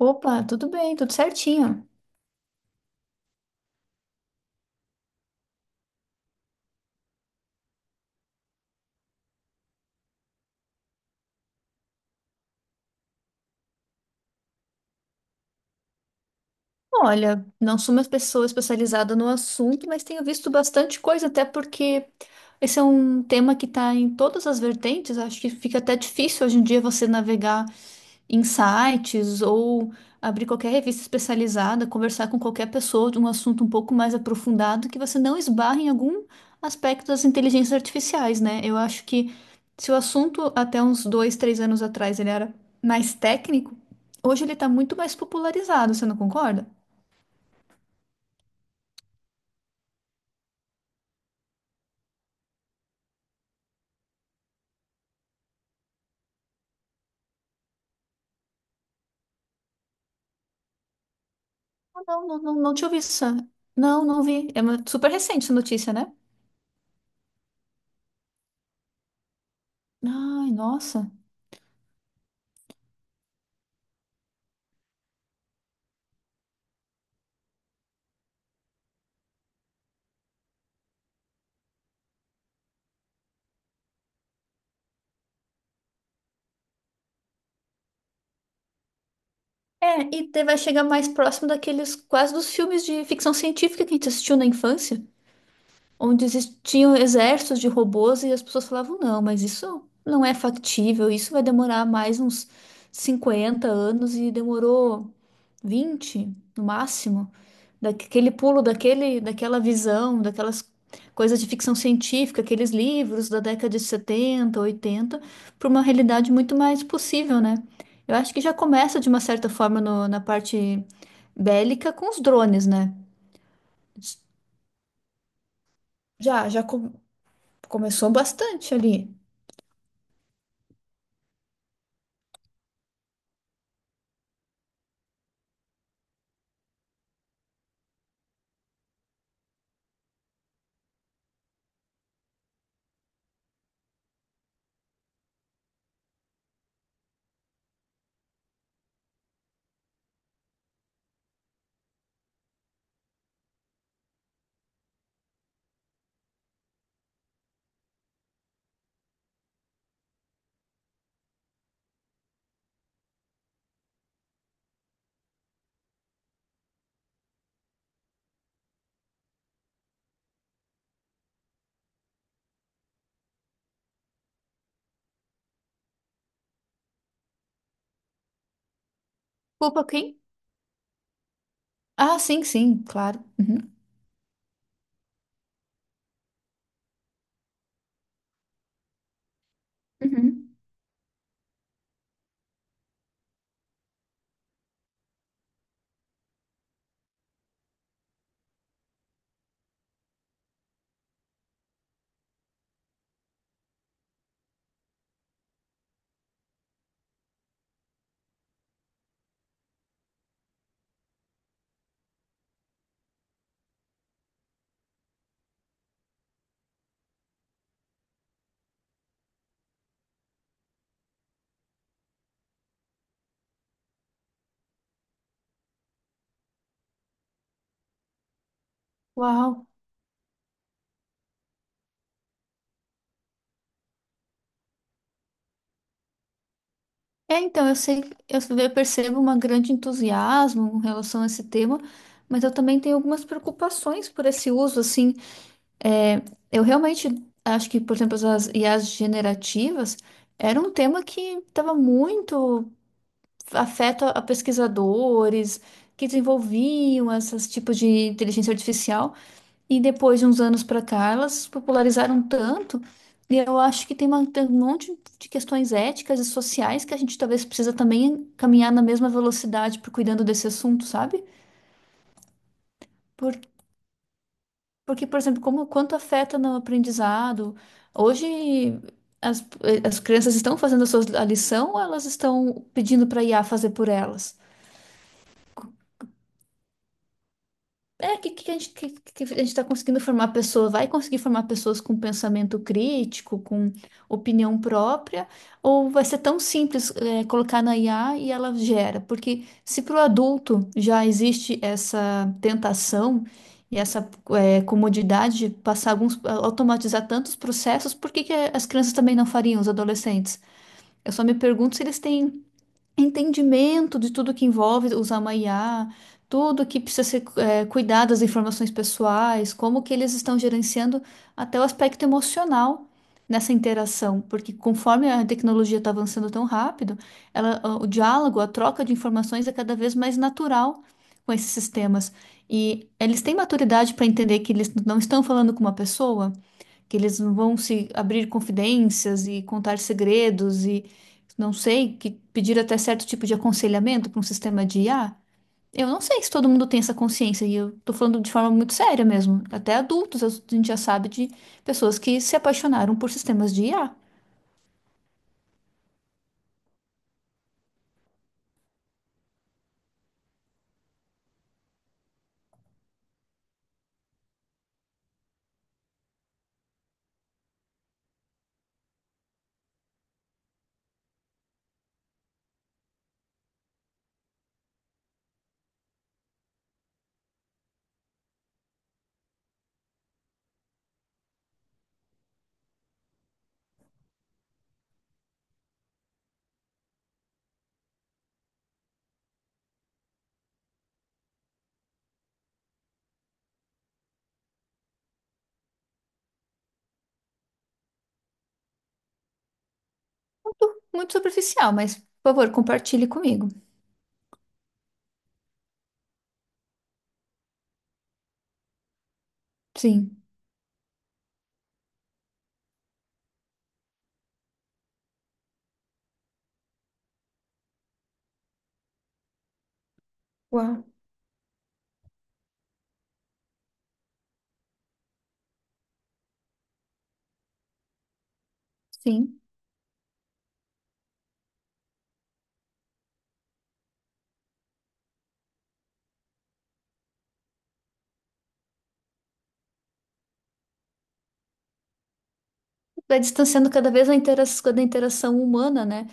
Opa, tudo bem, tudo certinho. Olha, não sou uma pessoa especializada no assunto, mas tenho visto bastante coisa, até porque esse é um tema que está em todas as vertentes. Acho que fica até difícil hoje em dia você navegar em sites ou abrir qualquer revista especializada, conversar com qualquer pessoa de um assunto um pouco mais aprofundado que você não esbarre em algum aspecto das inteligências artificiais, né? Eu acho que se o assunto até uns dois, três anos atrás ele era mais técnico, hoje ele está muito mais popularizado, você não concorda? Ah, não, não, não, não te ouvi isso. Não, não vi. Super recente essa notícia, né? Ai, nossa. É, vai chegar mais próximo daqueles quase dos filmes de ficção científica que a gente assistiu na infância, onde existiam exércitos de robôs e as pessoas falavam, não, mas isso não é factível, isso vai demorar mais uns 50 anos e demorou 20 no máximo. Daquela visão, daquelas coisas de ficção científica, aqueles livros da década de 70 80 para uma realidade muito mais possível, né? Eu acho que já começa de uma certa forma na parte bélica com os drones, né? Já, já, co- Começou bastante ali. Culpa quem? Ah, sim, sim, claro. Uhum. Uhum. Uau. É, então, eu sei, eu percebo um grande entusiasmo em relação a esse tema, mas eu também tenho algumas preocupações por esse uso, assim, é, eu realmente acho que, por exemplo, as IAs generativas era um tema que estava muito afeto a pesquisadores que desenvolviam esses tipos de inteligência artificial. E depois de uns anos para cá, elas se popularizaram tanto, e eu acho que tem, tem um monte de questões éticas e sociais que a gente talvez precisa também caminhar na mesma velocidade por cuidando desse assunto, sabe? Por, Porque, por exemplo, como quanto afeta no aprendizado. Hoje as, as crianças estão fazendo a sua a lição ou elas estão pedindo para a IA fazer por elas? É, que a gente tá conseguindo formar pessoas, vai conseguir formar pessoas com pensamento crítico, com opinião própria, ou vai ser tão simples, colocar na IA e ela gera? Porque se para o adulto já existe essa tentação e essa, comodidade de passar alguns, automatizar tantos processos, por que que as crianças também não fariam, os adolescentes? Eu só me pergunto se eles têm entendimento de tudo que envolve usar uma IA, tudo que precisa ser cuidado das informações pessoais, como que eles estão gerenciando até o aspecto emocional nessa interação, porque conforme a tecnologia está avançando tão rápido, ela, o diálogo, a troca de informações é cada vez mais natural com esses sistemas. E eles têm maturidade para entender que eles não estão falando com uma pessoa, que eles não vão se abrir confidências e contar segredos e não sei, que pedir até certo tipo de aconselhamento para um sistema de IA. Eu não sei se todo mundo tem essa consciência e eu tô falando de forma muito séria mesmo. Até adultos a gente já sabe de pessoas que se apaixonaram por sistemas de IA. Muito superficial, mas por favor, compartilhe comigo. Sim. Uau. Sim. vai distanciando cada vez a intera- Da interação humana, né?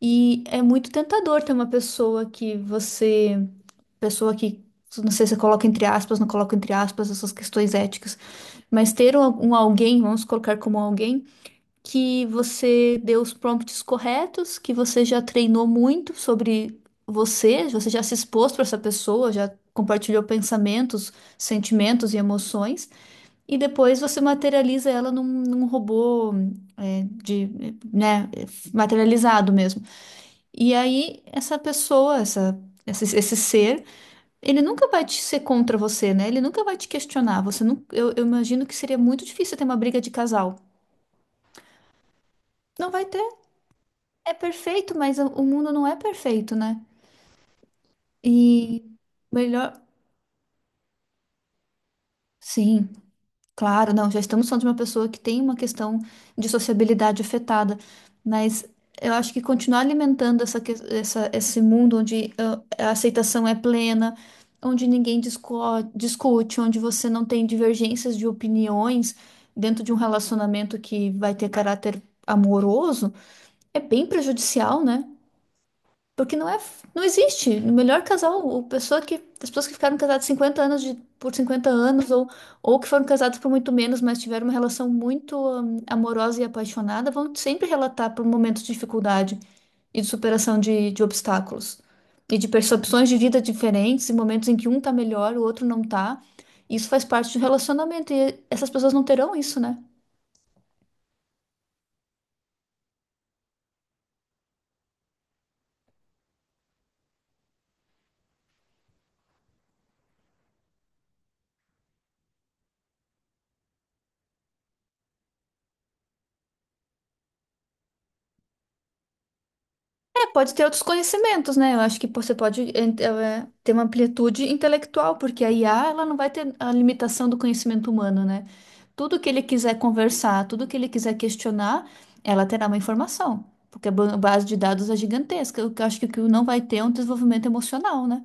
E é muito tentador ter uma pessoa que você, pessoa que, não sei se você coloca entre aspas, não coloca entre aspas essas questões éticas, mas ter um alguém, vamos colocar como alguém, que você deu os prompts corretos, que você já treinou muito sobre você, você já se expôs para essa pessoa, já compartilhou pensamentos, sentimentos e emoções. E depois você materializa ela num robô, é, de, né, materializado mesmo. E aí essa pessoa, esse ser, ele nunca vai te ser contra você, né? Ele nunca vai te questionar. Você não, eu imagino que seria muito difícil ter uma briga de casal. Não vai ter. É perfeito, mas o mundo não é perfeito, né? E melhor, sim. Claro, não, já estamos falando de uma pessoa que tem uma questão de sociabilidade afetada, mas eu acho que continuar alimentando esse mundo onde a aceitação é plena, onde discute, onde você não tem divergências de opiniões dentro de um relacionamento que vai ter caráter amoroso, é bem prejudicial, né? Porque não existe. O melhor casal, o pessoa que, As pessoas que ficaram casadas 50 anos por 50 anos, ou que foram casadas por muito menos, mas tiveram uma relação muito amorosa e apaixonada, vão sempre relatar por momentos de dificuldade e de superação de obstáculos. E de percepções de vida diferentes, e momentos em que um tá melhor, o outro não tá. Isso faz parte do relacionamento, e essas pessoas não terão isso, né? É, pode ter outros conhecimentos, né? Eu acho que você pode ter uma amplitude intelectual, porque a IA, ela não vai ter a limitação do conhecimento humano, né? Tudo que ele quiser conversar, tudo que ele quiser questionar, ela terá uma informação, porque a base de dados é gigantesca. O que eu acho que o que não vai ter é um desenvolvimento emocional, né?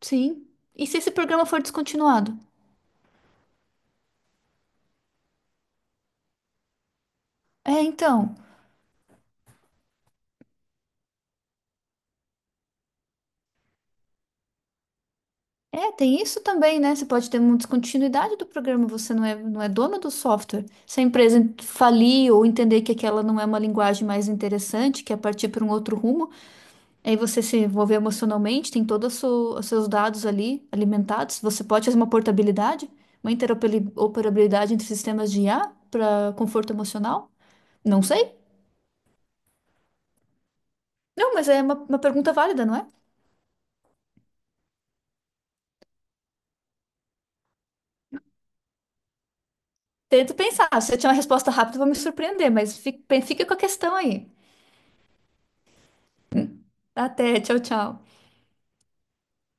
Sim. E se esse programa for descontinuado? É, então. É, tem isso também, né? Você pode ter uma descontinuidade do programa, você não é dono do software. Se a empresa falir ou entender que aquela não é uma linguagem mais interessante, quer partir para um outro rumo, aí você se envolver emocionalmente, tem todos os os seus dados ali alimentados. Você pode fazer uma portabilidade, uma interoperabilidade entre sistemas de IA para conforto emocional? Não sei. Não, mas é uma pergunta válida, não é? Tento pensar. Se eu tiver uma resposta rápida, eu vou me surpreender, mas fica com a questão aí. Até, tchau, tchau.